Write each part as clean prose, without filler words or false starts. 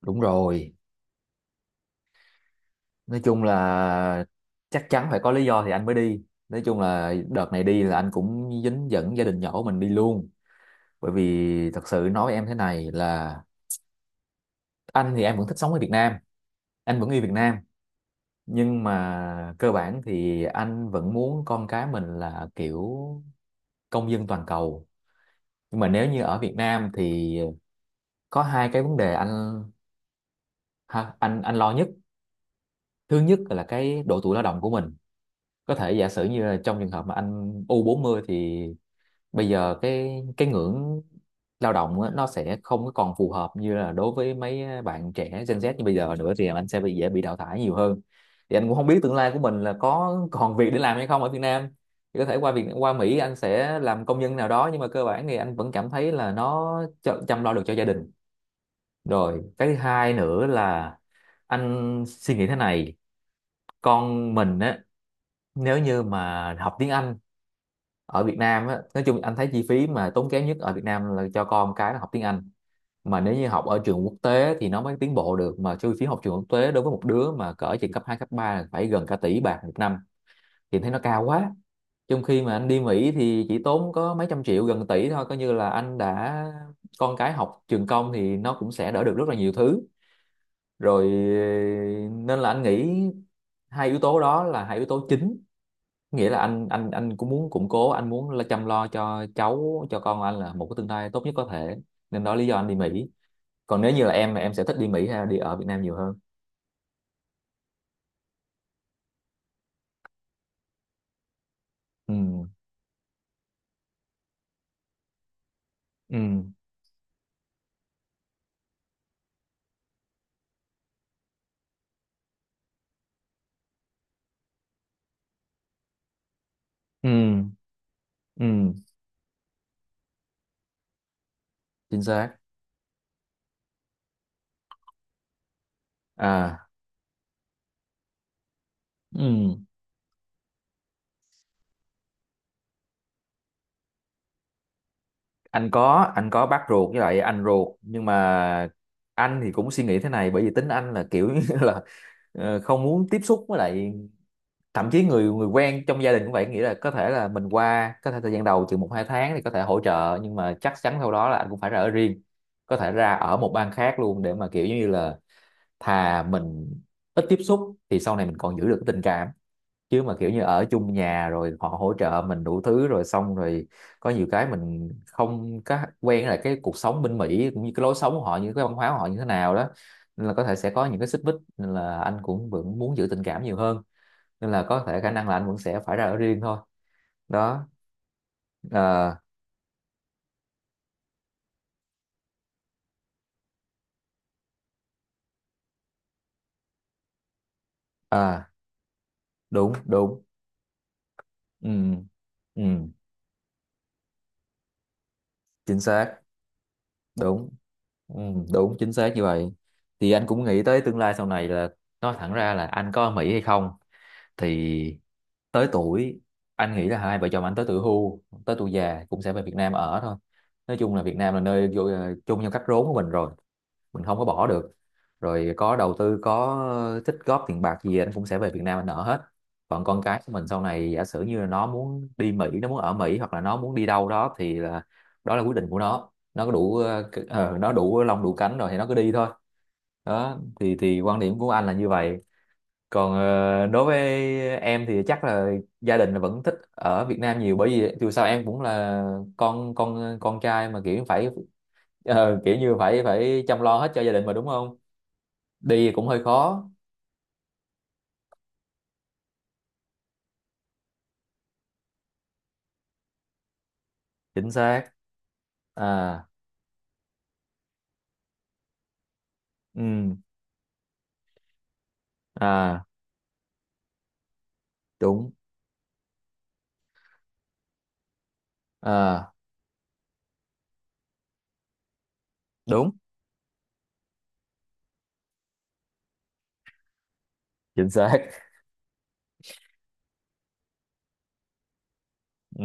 Đúng rồi, nói chung là chắc chắn phải có lý do thì anh mới đi. Nói chung là đợt này đi là anh cũng dính dẫn gia đình nhỏ của mình đi luôn. Bởi vì thật sự nói em thế này là anh thì em vẫn thích sống ở Việt Nam, anh vẫn yêu Việt Nam. Nhưng mà cơ bản thì anh vẫn muốn con cái mình là kiểu công dân toàn cầu. Nhưng mà nếu như ở Việt Nam thì có hai cái vấn đề anh, ha, anh lo nhất. Thứ nhất là cái độ tuổi lao động của mình, có thể giả sử như là trong trường hợp mà anh u 40 thì bây giờ cái ngưỡng lao động á, nó sẽ không có còn phù hợp như là đối với mấy bạn trẻ Gen Z như bây giờ nữa, thì anh sẽ bị, dễ bị đào thải nhiều hơn. Thì anh cũng không biết tương lai của mình là có còn việc để làm hay không ở Việt Nam, thì có thể qua Việt, qua Mỹ anh sẽ làm công nhân nào đó, nhưng mà cơ bản thì anh vẫn cảm thấy là nó chăm lo được cho gia đình. Rồi cái thứ hai nữa là anh suy nghĩ thế này, con mình á, nếu như mà học tiếng Anh ở Việt Nam á, nói chung anh thấy chi phí mà tốn kém nhất ở Việt Nam là cho con cái nó học tiếng Anh. Mà nếu như học ở trường quốc tế thì nó mới tiến bộ được, mà chi phí học trường quốc tế đối với một đứa mà cỡ trường cấp 2 cấp 3 là phải gần cả tỷ bạc một năm, thì thấy nó cao quá. Trong khi mà anh đi Mỹ thì chỉ tốn có mấy trăm triệu, gần tỷ thôi, coi như là anh đã, con cái học trường công thì nó cũng sẽ đỡ được rất là nhiều thứ rồi. Nên là anh nghĩ hai yếu tố đó là hai yếu tố chính, nghĩa là anh cũng muốn củng cố, anh muốn là chăm lo cho cháu, cho con anh là một cái tương lai tốt nhất có thể, nên đó lý do anh đi Mỹ. Còn nếu như là em sẽ thích đi Mỹ hay đi ở Việt Nam nhiều hơn? Ừ. Ừ. Ừ. Ừ. Chính xác. À. Ừ. Anh có bác ruột với lại anh ruột, nhưng mà anh thì cũng suy nghĩ thế này, bởi vì tính anh là kiểu như là, không muốn tiếp xúc với lại, thậm chí người người quen trong gia đình cũng vậy, nghĩa là có thể là mình qua, có thể thời gian đầu chừng một hai tháng thì có thể hỗ trợ, nhưng mà chắc chắn sau đó là anh cũng phải ra ở riêng. Có thể ra ở một bang khác luôn, để mà kiểu như là, thà mình ít tiếp xúc thì sau này mình còn giữ được cái tình cảm. Chứ mà kiểu như ở chung nhà rồi họ hỗ trợ mình đủ thứ rồi xong rồi có nhiều cái mình không có quen, là cái cuộc sống bên Mỹ cũng như cái lối sống của họ, như cái văn hóa của họ như thế nào đó, nên là có thể sẽ có những cái xích mích, nên là anh cũng vẫn muốn giữ tình cảm nhiều hơn. Nên là có thể khả năng là anh vẫn sẽ phải ra ở riêng thôi. Đó. À, à, đúng, đúng, ừ, ừ, chính xác, đúng, ừ, đúng chính xác như vậy. Thì anh cũng nghĩ tới tương lai sau này là, nói thẳng ra là anh có ở Mỹ hay không, thì tới tuổi, anh nghĩ là hai vợ chồng anh tới tuổi hưu, tới tuổi già cũng sẽ về Việt Nam ở thôi. Nói chung là Việt Nam là nơi chung trong cách rốn của mình rồi, mình không có bỏ được. Rồi có đầu tư, có tích góp tiền bạc gì anh cũng sẽ về Việt Nam anh nợ hết. Còn con cái của mình sau này giả sử như là nó muốn đi Mỹ, nó muốn ở Mỹ, hoặc là nó muốn đi đâu đó thì là, đó là quyết định của nó có đủ nó đủ lông đủ cánh rồi thì nó cứ đi thôi. Đó thì quan điểm của anh là như vậy. Còn đối với em thì chắc là gia đình là vẫn thích ở Việt Nam nhiều, bởi vì dù sao em cũng là con trai, mà kiểu phải, kiểu như phải phải chăm lo hết cho gia đình mà, đúng không? Đi cũng hơi khó. Chính xác. À. Ừ. À. Đúng. À. Đúng chính xác. Ừ.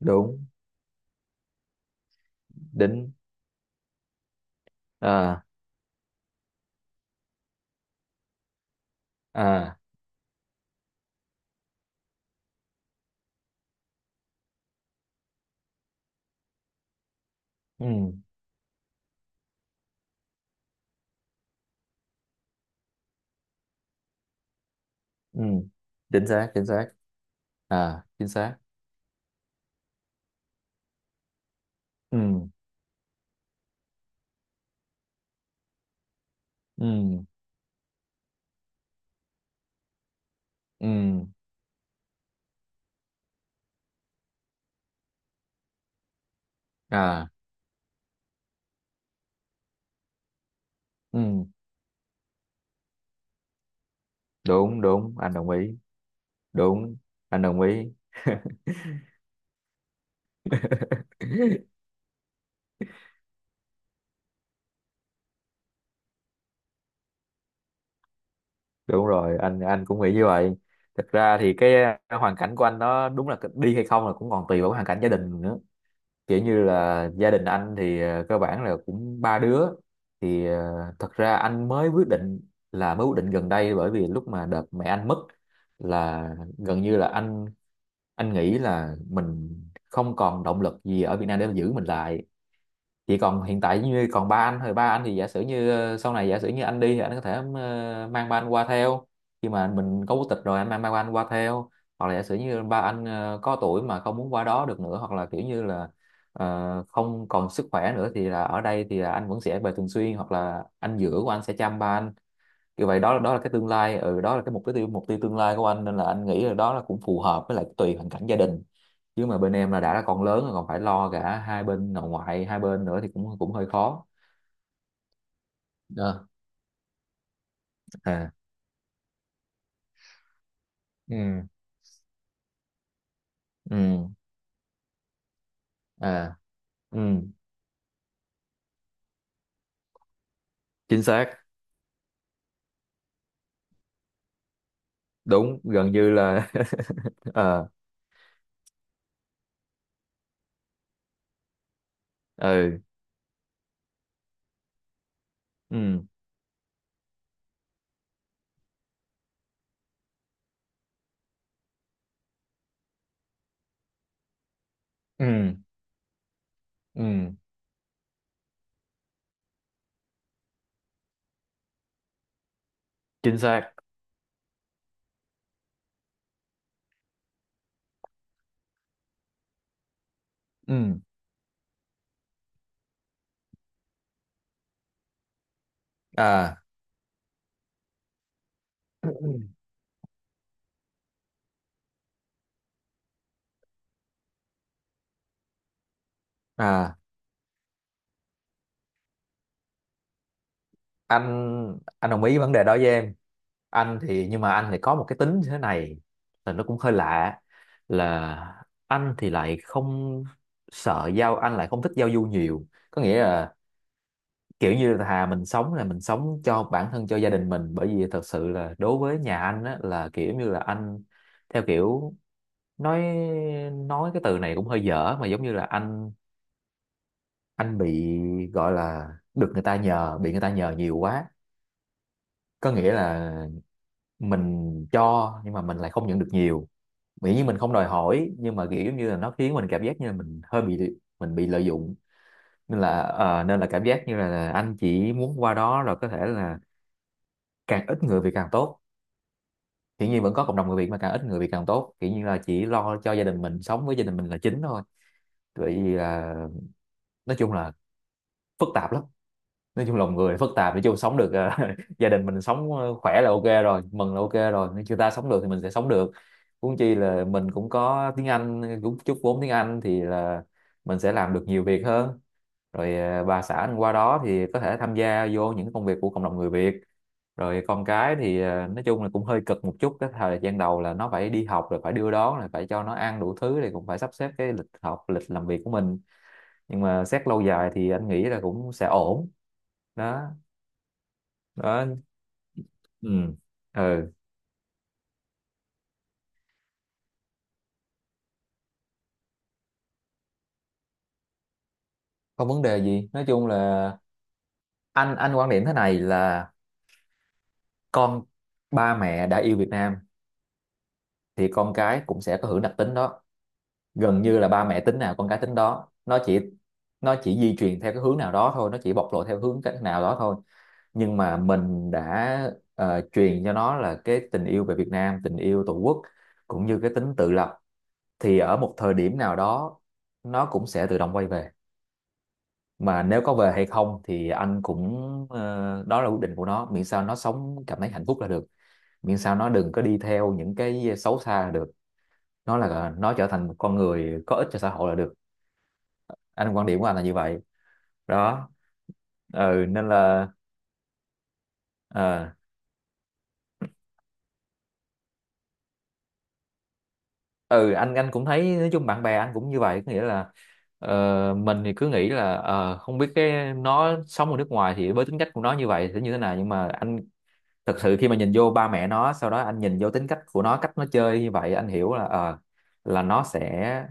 Đúng. Đính. À. À. Ừ. Ừ. Chính xác, chính xác. À. Chính xác. Ừ. Ừ. Ừ. À. Ừ, đúng, đúng, anh đồng ý. Đúng, anh đồng ý. Đúng rồi, anh cũng nghĩ như vậy. Thực ra thì cái hoàn cảnh của anh nó đúng là đi hay không là cũng còn tùy vào cái hoàn cảnh gia đình nữa. Kiểu như là gia đình anh thì cơ bản là cũng ba đứa. Thì thật ra anh mới quyết định, là mới quyết định gần đây, bởi vì lúc mà đợt mẹ anh mất là gần như là anh nghĩ là mình không còn động lực gì ở Việt Nam để mà giữ mình lại. Chỉ còn hiện tại như còn ba anh thôi, ba anh thì giả sử như sau này giả sử như anh đi thì anh có thể mang ba anh qua theo. Khi mà mình có quốc tịch rồi anh mang ba anh qua theo. Hoặc là giả sử như ba anh có tuổi mà không muốn qua đó được nữa, hoặc là kiểu như là không còn sức khỏe nữa thì là ở đây, thì là anh vẫn sẽ về thường xuyên, hoặc là anh giữa của anh sẽ chăm ba anh. Như vậy đó, đó là cái tương lai, ừ, đó là cái mục tiêu tương lai của anh, nên là anh nghĩ là đó là cũng phù hợp, với lại tùy hoàn cảnh gia đình. Chứ mà bên em là đã là con lớn rồi còn phải lo cả hai bên nội ngoại, hai bên nữa thì cũng cũng hơi khó. Ờ. À. Ừ. Ừ. À. Ừ. Chính xác. Đúng. Gần như là. Ờ. Ừ. Ừ. Ừ. Ừ. Chính xác. Ừ. À. À. Anh đồng ý vấn đề đó với em. Anh thì, nhưng mà anh thì có một cái tính như thế này là nó cũng hơi lạ, là anh thì lại không, sợ giao, anh lại không thích giao du nhiều, có nghĩa là kiểu như là, thà mình sống là mình sống cho bản thân, cho gia đình mình, bởi vì thật sự là đối với nhà anh á, là kiểu như là anh theo kiểu, nói nói cái từ này cũng hơi dở, mà giống như là anh bị gọi là, được người ta nhờ, bị người ta nhờ nhiều quá. Có nghĩa là mình cho nhưng mà mình lại không nhận được nhiều, miễn như mình không đòi hỏi, nhưng mà kiểu giống như là nó khiến mình cảm giác như là mình bị lợi dụng. Nên là nên là cảm giác như là anh chỉ muốn qua đó rồi có thể là càng ít người Việt càng tốt. Hiển nhiên vẫn có cộng đồng người Việt, mà càng ít người Việt càng tốt, kiểu như là chỉ lo cho gia đình mình, sống với gia đình mình là chính thôi. Vậy à, nói chung là phức tạp lắm. Nói chung lòng người phức tạp, nói chung sống được. Gia đình mình sống khỏe là ok rồi, mừng là ok rồi, nếu người ta sống được thì mình sẽ sống được. Huống chi là mình cũng có tiếng Anh, cũng chút vốn tiếng Anh, thì là mình sẽ làm được nhiều việc hơn. Rồi bà xã mình qua đó thì có thể tham gia vô những công việc của cộng đồng người Việt. Rồi con cái thì nói chung là cũng hơi cực một chút, cái thời gian đầu là nó phải đi học rồi phải đưa đón rồi phải cho nó ăn đủ thứ, thì cũng phải sắp xếp cái lịch học, lịch làm việc của mình. Nhưng mà xét lâu dài thì anh nghĩ là cũng sẽ ổn. Đó. Đó. Ừ. Ừ. Không vấn đề gì, nói chung là anh quan điểm thế này là, con, ba mẹ đã yêu Việt Nam thì con cái cũng sẽ có hưởng đặc tính Đó, gần như là ba mẹ tính nào con cái tính đó. Nó chỉ di truyền theo cái hướng nào đó thôi, nó chỉ bộc lộ theo hướng cách nào đó thôi. Nhưng mà mình đã truyền cho nó là cái tình yêu về Việt Nam, tình yêu Tổ quốc, cũng như cái tính tự lập, thì ở một thời điểm nào đó nó cũng sẽ tự động quay về. Mà nếu có về hay không thì anh cũng, đó là quyết định của nó, miễn sao nó sống cảm thấy hạnh phúc là được, miễn sao nó đừng có đi theo những cái xấu xa là được, nó là nó trở thành một con người có ích cho xã hội là được. Anh quan điểm của anh là như vậy đó. Ừ, nên là ờ, ừ anh cũng thấy nói chung bạn bè anh cũng như vậy, có nghĩa là mình thì cứ nghĩ là không biết cái nó sống ở nước ngoài thì với tính cách của nó như vậy sẽ như thế nào, nhưng mà anh thật sự khi mà nhìn vô ba mẹ nó, sau đó anh nhìn vô tính cách của nó, cách nó chơi như vậy, anh hiểu là, là nó sẽ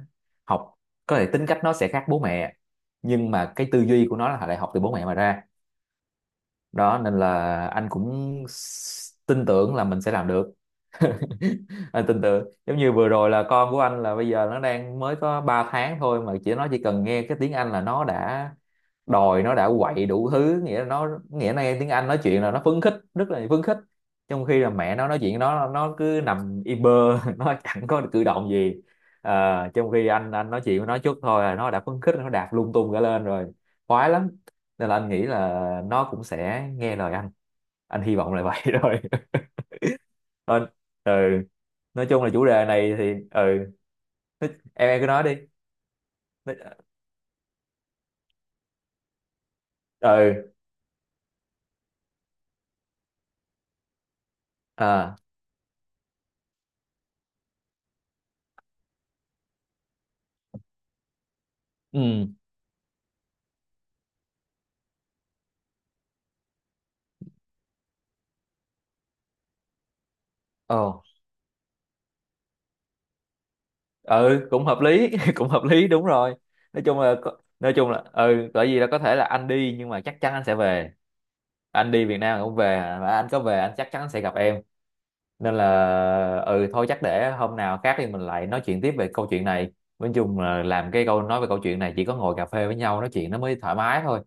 học, có thể tính cách nó sẽ khác bố mẹ nhưng mà cái tư duy của nó là lại học từ bố mẹ mà ra. Đó, nên là anh cũng tin tưởng là mình sẽ làm được. Anh tin tưởng, giống như vừa rồi là con của anh là bây giờ nó đang mới có 3 tháng thôi mà nó chỉ cần nghe cái tiếng Anh là nó đã đòi, nó đã quậy đủ thứ, nghĩa là nó, nghĩa là nghe tiếng Anh nói chuyện là nó phấn khích, rất là phấn khích. Trong khi là mẹ nó nói chuyện, nó cứ nằm im bơ, nó chẳng có cử động gì. À, trong khi anh nói chuyện với nó chút thôi là nó đã phấn khích, nó đạp lung tung cả lên rồi, khoái lắm. Nên là anh nghĩ là nó cũng sẽ nghe lời anh. Anh hy vọng là vậy. Rồi. ờ, ừ nói chung là chủ đề này thì, ừ, em cứ nói đi. Nói- ừ à ừ Ồ, ừ, cũng hợp lý. Cũng hợp lý, đúng rồi. Nói chung là, ừ, bởi vì là có thể là anh đi nhưng mà chắc chắn anh sẽ về. Anh đi Việt Nam cũng về, mà anh có về anh chắc chắn sẽ gặp em. Nên là, ừ, thôi chắc để hôm nào khác thì mình lại nói chuyện tiếp về câu chuyện này. Nói chung là làm cái câu nói về câu chuyện này chỉ có ngồi cà phê với nhau nói chuyện nó mới thoải mái thôi.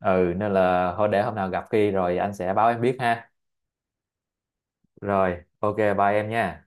Ừ, nên là thôi để hôm nào gặp khi rồi anh sẽ báo em biết ha. Rồi, ok, bye em nha.